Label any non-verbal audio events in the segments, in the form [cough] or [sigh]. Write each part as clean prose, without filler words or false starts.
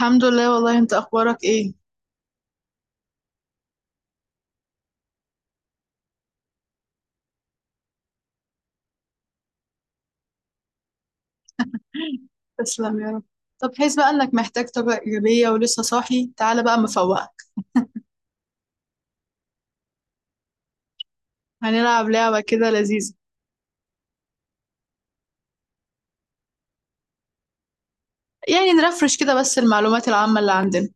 الحمد لله. والله انت اخبارك ايه؟ تسلم يا رب. طب حس بقى انك محتاج طاقة ايجابية ولسه صاحي، تعالى بقى مفوقك. هنلعب لعبة كده لذيذة. يعني نرفرش كده بس المعلومات العامة اللي عندنا.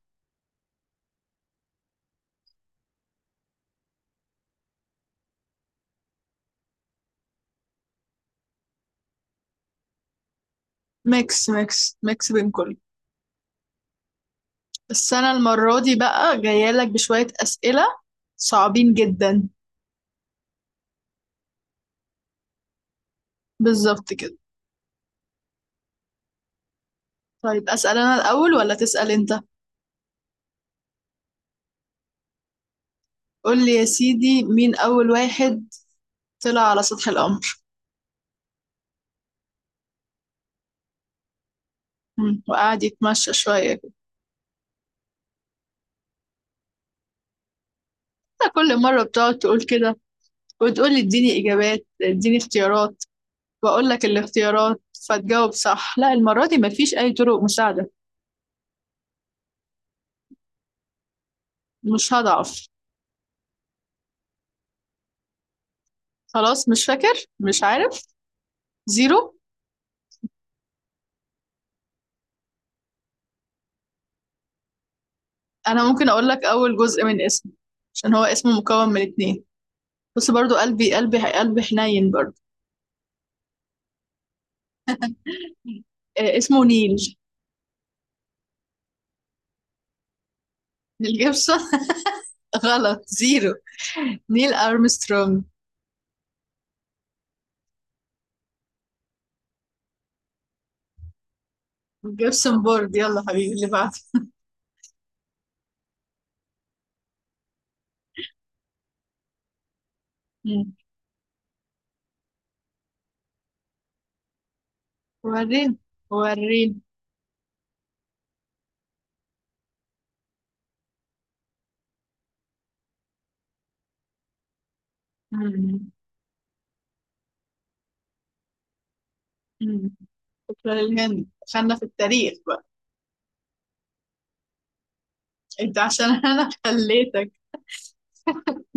ميكس ميكس ميكس بين كله. بس انا المرة دي بقى جاية لك بشوية اسئلة صعبين جدا. بالظبط كده. طيب اسأل انا الاول ولا تسأل انت؟ قول لي يا سيدي، مين اول واحد طلع على سطح القمر؟ وقعد يتمشى شوية كده. كل مرة بتقعد تقول كده وتقول لي اديني اجابات اديني اختيارات، بقول لك الاختيارات فتجاوب صح. لا المره دي مفيش اي طرق مساعده، مش هضعف. خلاص مش فاكر، مش عارف، زيرو. انا ممكن اقول لك اول جزء من اسمه، عشان هو اسمه مكون من اتنين. بص برضو قلبي قلبي قلبي حنين برضو. آه اسمه نيل. نيل جيبسون؟ [laughs] غلط، زيرو. نيل ارمسترونج. جيبسون بورد، يلا حبيبي اللي بعده. مم. وريني، وريني. مم. مم. شكرا للهند، دخلنا في التاريخ بقى. انت عشان [laughs] انا خليتك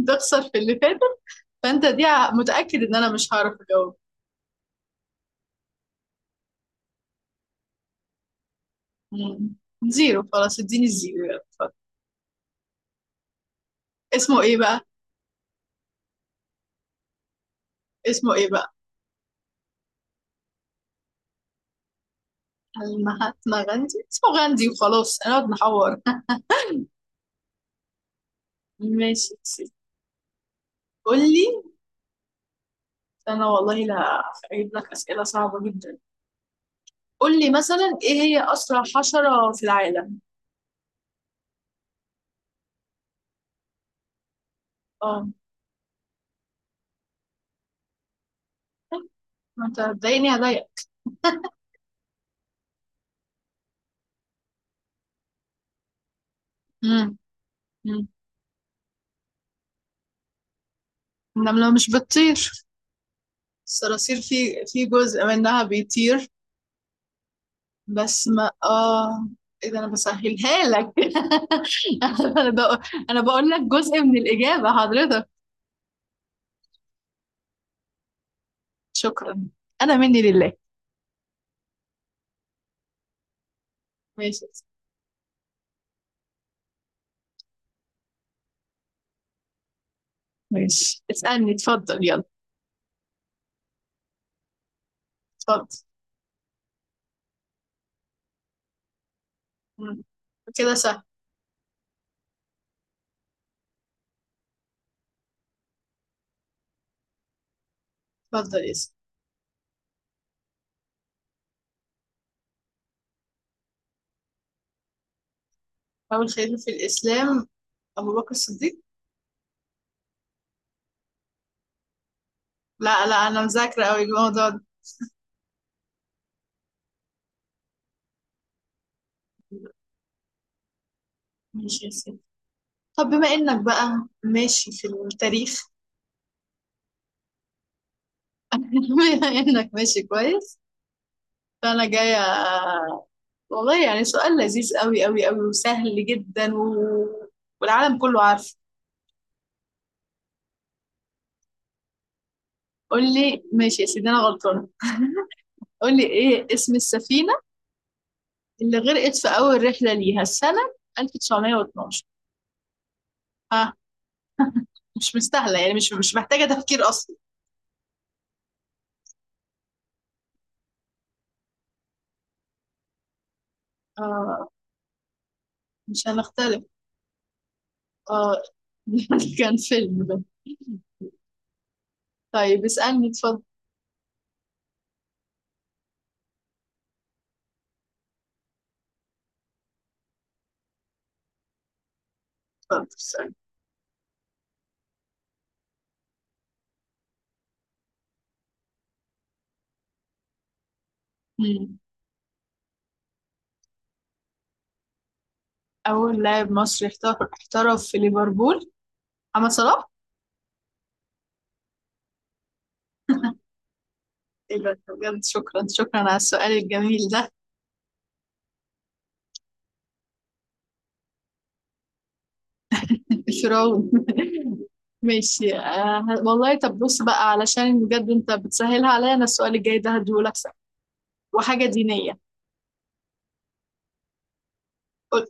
تخسر في اللي فاتت، فانت دي متأكد ان انا مش هعرف اجاوب. مم. زيرو خلاص، اديني الزيرو يلا اتفضل. اسمه ايه بقى؟ اسمه ايه بقى؟ المهاتما غاندي؟ اسمه غاندي وخلاص، انا قاعد نحور. [laughs] ماشي يا سيدي. قول لي. انا والله لا، هجيب لك اسئله صعبه جدا. قول لي مثلا، ايه هي اسرع حشره في العالم؟ اه، ما انت هتضايقني هضايقك. مم. مم. النمله مش بتطير، الصراصير في جزء منها بيطير. بس ما اه، ايه ده انا بسهلها لك. [laughs] انا بقول، انا بقول لك جزء من الاجابه حضرتك. شكرا، انا مني لله. ماشي ماشي. اسالني اتفضل يلا. اتفضل. مم. كده سهل. اتفضل اسال. اول خليفه في الاسلام؟ ابو بكر الصديق. لا لا، انا مذاكره قوي الموضوع ده. ماشي يا سيدي. طب بما انك بقى ماشي في التاريخ، [laughs] بما انك ماشي كويس، فانا جايه. والله يعني سؤال لذيذ قوي قوي قوي وسهل جدا و... والعالم كله عارف. قول لي ماشي يا سيدي انا غلطانه. قول لي ايه اسم السفينه اللي غرقت في اول رحله ليها السنه 1912؟ ها؟ مش مستاهله يعني، مش مش محتاجه تفكير اصلا. آه، مش هنختلف. اه [laughs] كان فيلم ده. طيب اسالني اتفضل. اتفضل اسالني. مم. اول لاعب مصري احترف في ليفربول؟ محمد صلاح. ايوه بجد، شكرا شكرا على السؤال الجميل ده. [laughs] الفرعون. [laughs] ماشي آه والله. طب بص بقى، علشان بجد انت بتسهلها عليا، انا السؤال الجاي ده هديهولك سهل، وحاجة دينية. قول،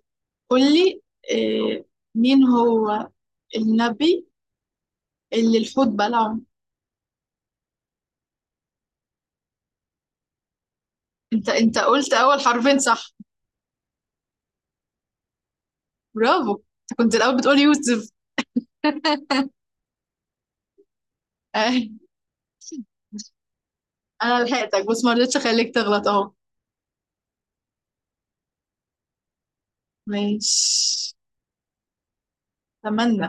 قول لي آه، مين هو النبي اللي الحوت بلعه؟ انت انت قلت اول حرفين صح. برافو. انت كنت الاول بتقول يوسف. [laughs] آه، انا لحقتك بس ما رضيتش اخليك تغلط اهو. ماشي. اتمنى.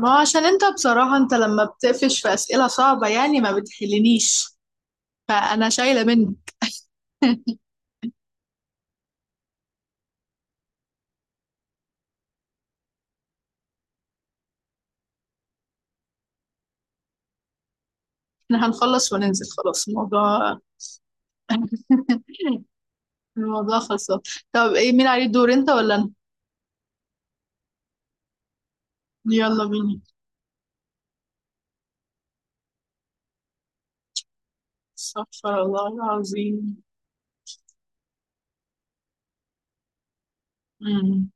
ما هو عشان انت بصراحة، انت لما بتقفش في أسئلة صعبة يعني ما بتحلنيش، فأنا شايلة منك. [laughs] احنا هنخلص وننزل خلاص الموضوع. [laughs] الموضوع خلصان. طب ايه، مين عليه الدور، انت ولا انا؟ يلا بينا. استغفر الله العظيم. مم.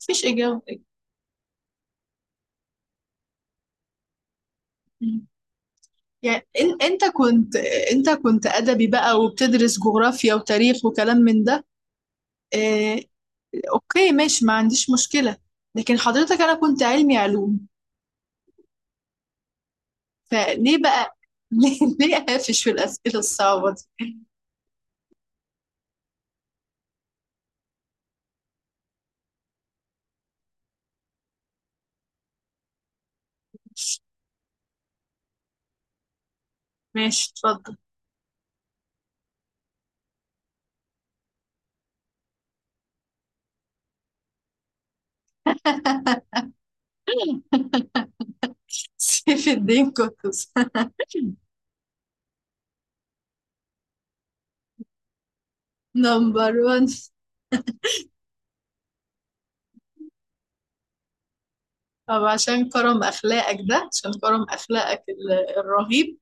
مفيش إجابة. مم. يعني انت كنت، انت كنت أدبي بقى وبتدرس جغرافيا وتاريخ وكلام من ده. اه... اوكي ماشي، ما عنديش مشكلة. لكن حضرتك انا كنت علمي علوم، فليه بقى [laughs] ليه ليه قافش في الأسئلة الصعبة دي؟ ماشي اتفضل. [laughs] سيف الدين قطز. نمبر 1. طب عشان كرم أخلاقك ده، عشان كرم أخلاقك الرهيب.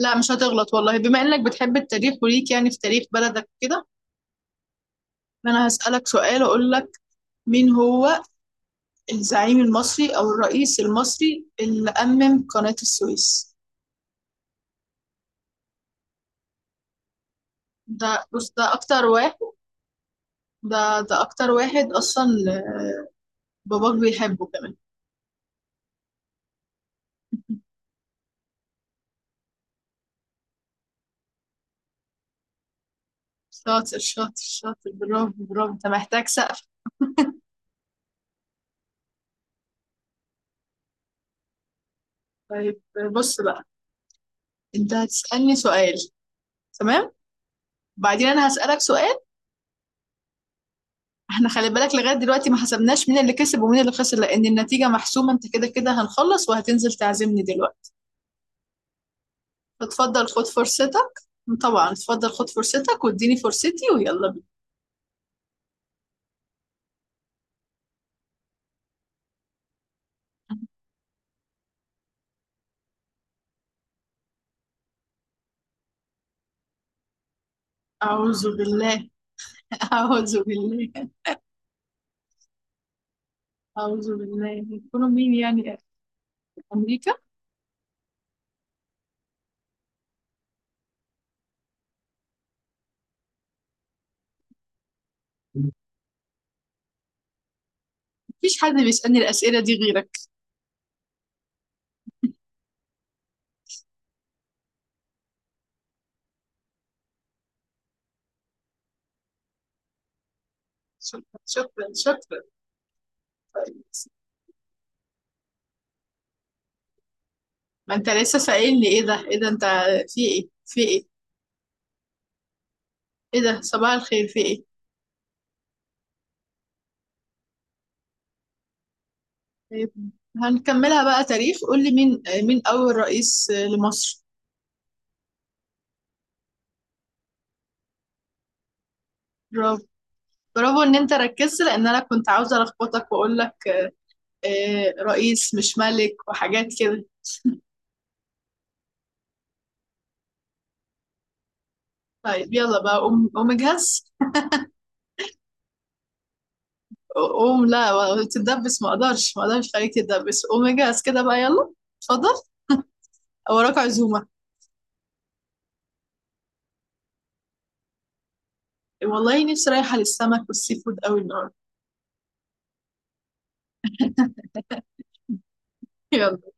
لا مش هتغلط والله، بما إنك بتحب التاريخ وليك يعني في تاريخ بلدك كده. أنا هسألك سؤال، أقول لك مين هو الزعيم المصري أو الرئيس المصري اللي أمم قناة السويس؟ ده بص ده أكتر واحد. ده ده أكتر واحد أصلا، باباك بيحبه كمان. شاطر، شاطر، شاطر. برافو، برافو. انت محتاج سقف. طيب بص بقى، انت هتسألني سؤال، تمام؟ بعدين انا هسألك سؤال. احنا خلي بالك، لغاية دلوقتي ما حسبناش مين اللي كسب ومين اللي خسر، لان النتيجة محسومة، انت كده كده هنخلص وهتنزل تعزمني دلوقتي. فتفضل خد فرصتك. طبعا اتفضل خد فرصتك، واديني فرصتي، ويلا بينا. أعوذ بالله. [laughs] أعوذ بالله. أعوذ بالله يكونوا مين يعني؟ في أمريكا. مفيش حد بيسألني الأسئلة دي غيرك. شكرا شكرا شكرا. طيب. ما انت لسه سائلني، ايه ده، ايه ده؟ انت في ايه، في ايه؟ ايه ده، صباح الخير، في ايه؟ طيب، هنكملها بقى تاريخ. قول لي مين، مين اول رئيس لمصر؟ برافو، برافو ان انت ركزت، لان انا كنت عاوزه الخبطك واقول لك آه، رئيس مش ملك وحاجات كده. طيب يلا بقى، قوم قوم اجهز. قوم لا تدبس، ما اقدرش ما اقدرش خليك تدبس، قوم اجهز كده بقى يلا. اتفضل، وراك عزومه. والله نفسي رايحه للسمك والسي فود قوي النهارده. يلا.